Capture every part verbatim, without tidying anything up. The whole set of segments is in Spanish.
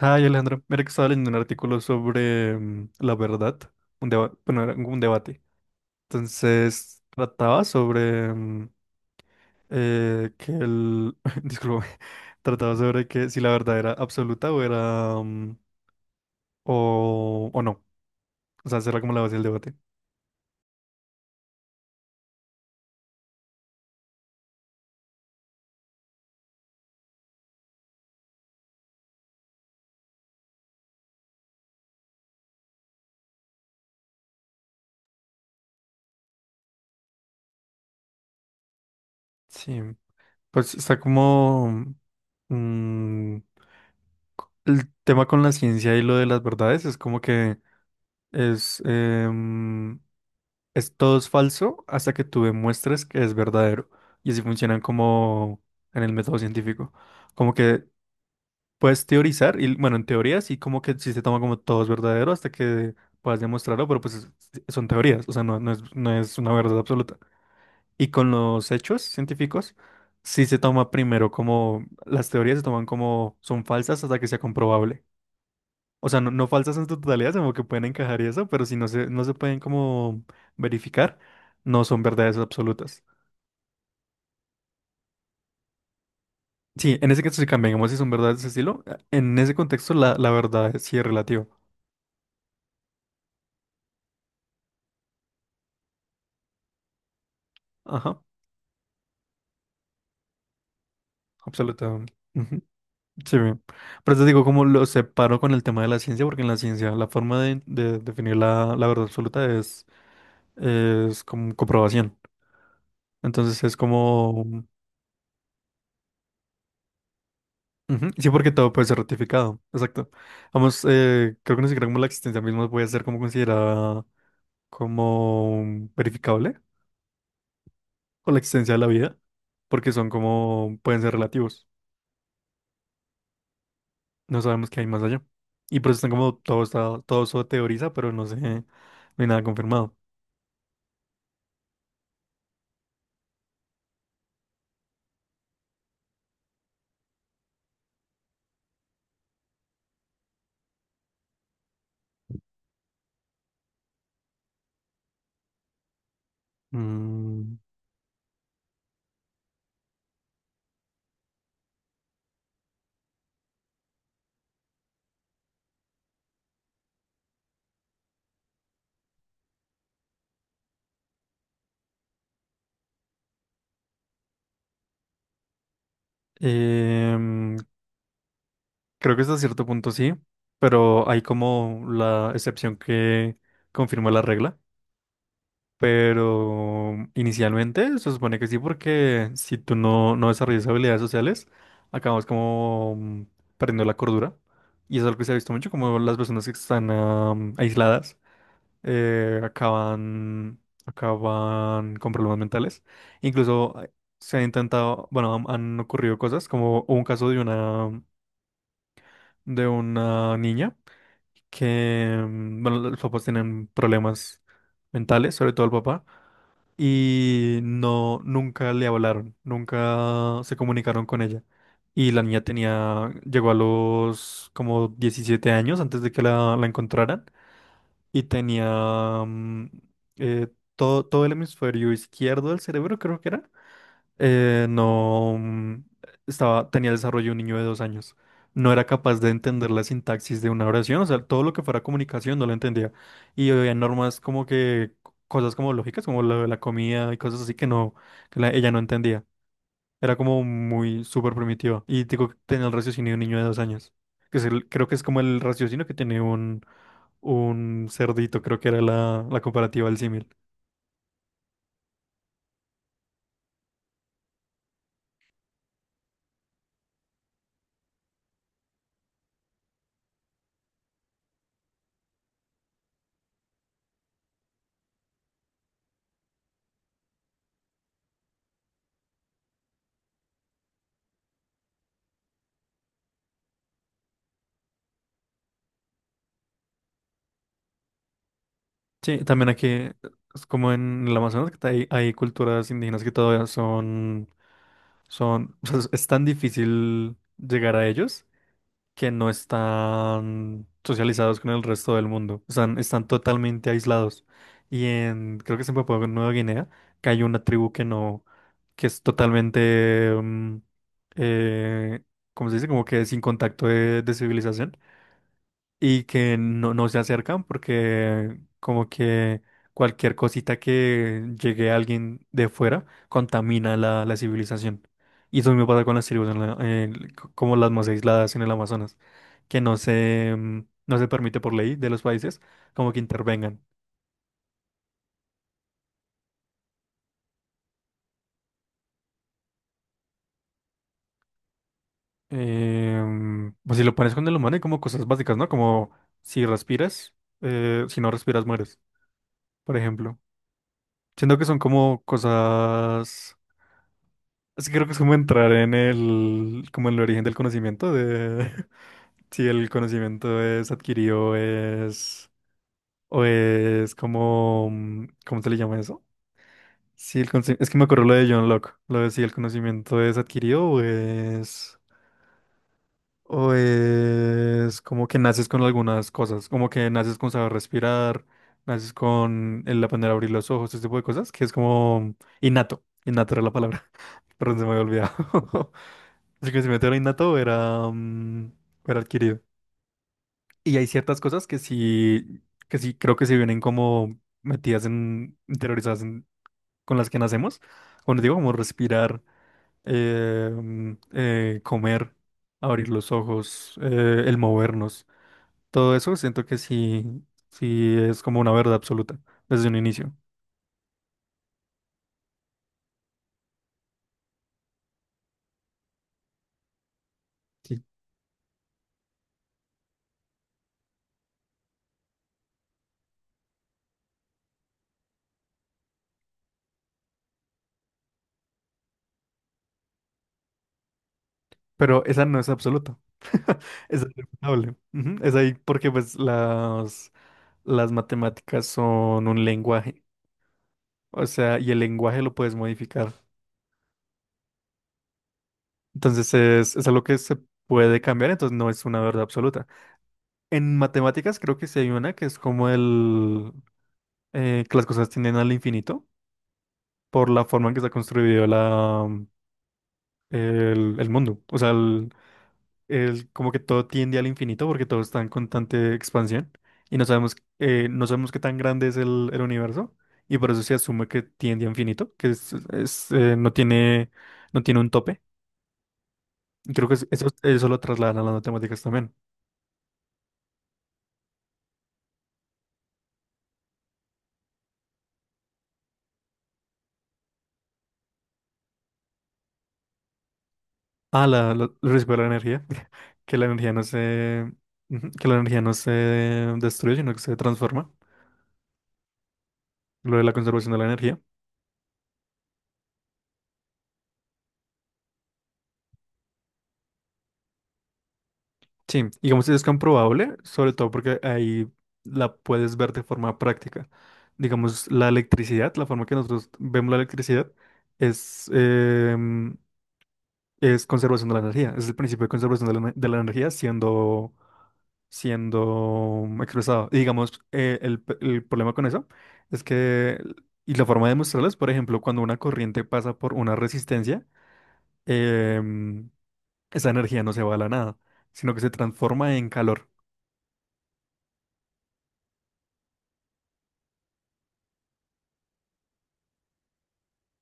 Ay, Alejandro, mira que estaba leyendo un artículo sobre mm, la verdad, un debate, bueno, era un debate. Entonces, trataba sobre mm, eh, que el, disculpe, trataba sobre que si la verdad era absoluta o era, mm, o, o no. O sea, será como la base del debate. Sí, pues está como mm, el tema con la ciencia y lo de las verdades es como que es, em, es, todo es falso hasta que tú demuestres que es verdadero. Y así funcionan como en el método científico. Como que puedes teorizar, y bueno, en teorías y como que si se toma como todo es verdadero hasta que puedas demostrarlo, pero pues es- son teorías, o sea, no, no es, no es una verdad absoluta. Y con los hechos científicos, sí se toma primero como, las teorías se toman como son falsas hasta que sea comprobable. O sea, no, no falsas en su totalidad, sino que pueden encajar y eso, pero si no se, no se pueden como verificar, no son verdades absolutas. Sí, en ese caso sí cambia, digamos, si son verdades de ese estilo, eh, en ese contexto la, la verdad es- sí es relativa. Ajá, absoluta. Ujú, sí, bien. Por eso digo, como lo separo con el tema de la ciencia, porque en la ciencia la forma de, de definir la, la verdad absoluta es, es como comprobación. Entonces es como ujú, sí, porque todo puede ser ratificado. Exacto. Vamos, eh, creo que ni siquiera como la existencia misma puede ser como considerada como verificable o la existencia de la vida, porque son como, pueden ser relativos. No sabemos qué hay más allá. Y por eso están como, todo está, todo eso teoriza, pero no sé, no hay nada confirmado. Mm, em, creo que hasta cierto punto sí, pero hay como la excepción que confirma la regla. Pero inicialmente se supone que sí, porque si tú no, no desarrollas habilidades sociales, acabas como mm, perdiendo la cordura. Y eso es algo que se ha visto mucho, como las personas que están am, aisladas eh, acaban, acaban con problemas mentales. Incluso eh, se han intentado, bueno, han, han ocurrido cosas, como hubo un caso de una, de una niña que, mm, bueno, los papás tienen problemas mentales, sobre todo el papá y no, nunca le hablaron, nunca se comunicaron con ella. Y la niña tenía, llegó a los como diecisiete años antes de que la, la encontraran y tenía mm, eh, todo, todo el hemisferio izquierdo del cerebro, creo que era, eh, no mm, estaba, tenía el desarrollo de un niño de dos años. No era capaz de entender la sintaxis de una oración, o sea, todo lo que fuera comunicación no lo entendía. Y había normas como que, cosas como lógicas, como la la comida y cosas así que no, que la- ella no entendía. Era como muy súper primitiva. Y digo, que tenía el raciocinio de un niño de dos años. Que es el- creo que es como el raciocinio que tiene un, un cerdito, creo que era la, la comparativa del símil. Sí, también aquí, es como en el Amazonas, que hay, hay culturas indígenas que todavía son, son, o sea, es es tan difícil llegar a ellos que no están socializados con el resto del mundo, están, están totalmente aislados. Y en, creo que es en Papua Nueva Guinea, que hay una tribu que no, que es totalmente, mm, eh, ¿cómo se dice? Como que sin contacto de de civilización y que no, no se acercan porque como que cualquier cosita que llegue a alguien de fuera contamina la, la civilización. Y eso mismo pasa con las tribus en la- en- c- como las más aisladas en el Amazonas, que no se, mm, no se permite por ley de los países como que intervengan. Em, pues si lo pones con el humano hay como cosas básicas, ¿no? Como si respiras, eh, si no respiras mueres, por ejemplo. Siento que son como cosas. Es que creo que es como entrar en el, como en el origen del conocimiento, de si el conocimiento es adquirido o es, o es como, mm, ¿cómo se le llama eso? Si el conci- es que me acuerdo lo de John Locke, lo de si el conocimiento es adquirido o es, o es como que naces con algunas cosas, como que naces con saber respirar, naces con el aprender a abrir los ojos, ese tipo de cosas, que es como innato, innato era la palabra, pero se me había olvidado. Así que si meto era innato, era, mm, era adquirido. Y hay ciertas cosas que sí, que sí, creo que sí vienen como metidas en, interiorizadas en- con las que nacemos. Cuando digo como respirar, eh, mm, eh, comer, abrir los ojos, eh, el movernos. Todo eso siento que sí, sí es como una verdad absoluta desde un inicio. Sí. Pero esa no es absoluta, esa es irrefutable. Ujú, es ahí porque pues las... Las matemáticas son un lenguaje, o sea, y el lenguaje lo puedes modificar. Entonces es, es algo que se puede cambiar, entonces no es una verdad absoluta. En matemáticas creo que sí hay una que es como el eh, que las cosas tienden al infinito por la forma en que está construido la, el, el mundo, o sea, el- el- como que todo tiende al infinito porque todo está en constante expansión y no sabemos, eh, no sabemos qué tan grande es el, el universo y por eso se asume que tiende a infinito, que es, es, eh, no tiene, no tiene un tope. Y creo que es- eso, eso lo trasladan a las matemáticas también. Ah, la, la, el riesgo de la energía, que la energía no se, ujú, que la energía no se destruye, sino que se transforma, lo de la conservación de la energía. Sí, y como si es comprobable, sobre todo porque ahí la puedes ver de forma práctica. Digamos, la electricidad, la forma que nosotros vemos la electricidad es, em, es conservación de la energía, es el principio de conservación de la, ener- de la energía siendo, siendo expresado. Y digamos, eh, el, p- el problema con eso es que, y la forma de demostrarlo es, por ejemplo, cuando una corriente pasa por una resistencia, em, esa energía no se va a la nada, sino que se transforma en calor.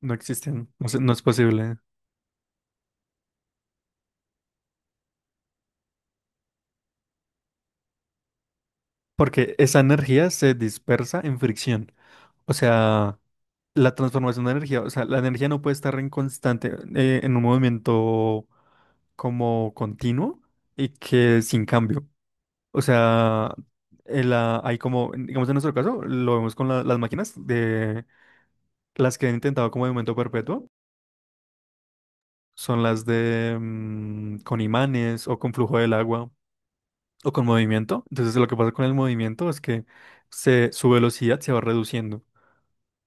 No existen, no se- no es posible, porque esa energía se dispersa en fricción. O sea, la transformación de energía, o sea, la energía no puede estar en constante, eh, en un movimiento como continuo y que sin cambio. O sea, el, ah, hay como, digamos en nuestro caso, lo vemos con la- las máquinas de las que han intentado como de momento perpetuo, son las de mm, con imanes o con flujo del agua, o con movimiento. Entonces lo que pasa con el movimiento es que se, su velocidad se va reduciendo,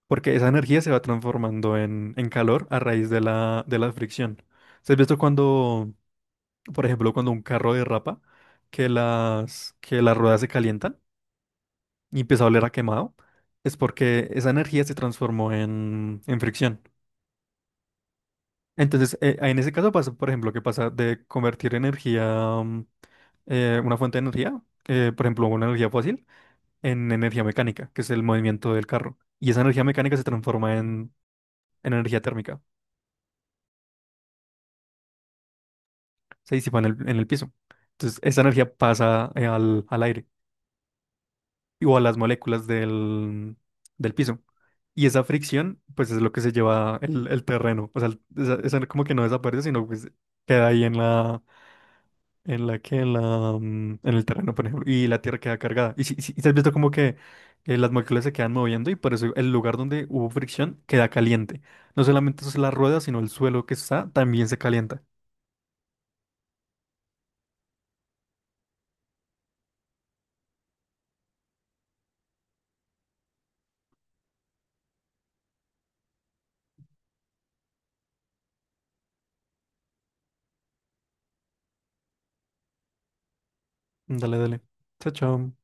porque esa energía se va transformando en, en calor a raíz de la, de la fricción. ¿Se has visto cuando, por ejemplo, cuando un carro derrapa, que las, que las ruedas se calientan y empieza a oler a quemado? Es porque esa energía se transformó en, en fricción. Entonces, eh, en ese caso pasa, por ejemplo, que pasa de convertir energía, mm, eh, una fuente de energía, eh, por ejemplo, una energía fósil, en energía mecánica, que es el movimiento del carro. Y esa energía mecánica se transforma en, en energía térmica, se disipa en el, en el piso. Entonces, esa energía pasa eh, al, al aire y- o a las moléculas del, del piso. Y esa fricción, pues es lo que se lleva el, el terreno. O sea, el- esa, esa como que no desaparece, sino pues queda ahí en la, en la que, en la, mm, en el terreno, por ejemplo, y la tierra queda cargada. Y si, si- y te has visto como que eh, las moléculas se quedan moviendo y por eso el lugar donde hubo fricción queda caliente. No solamente es la rueda, sino el suelo que está también se calienta. Dale, dale. Chao, chao.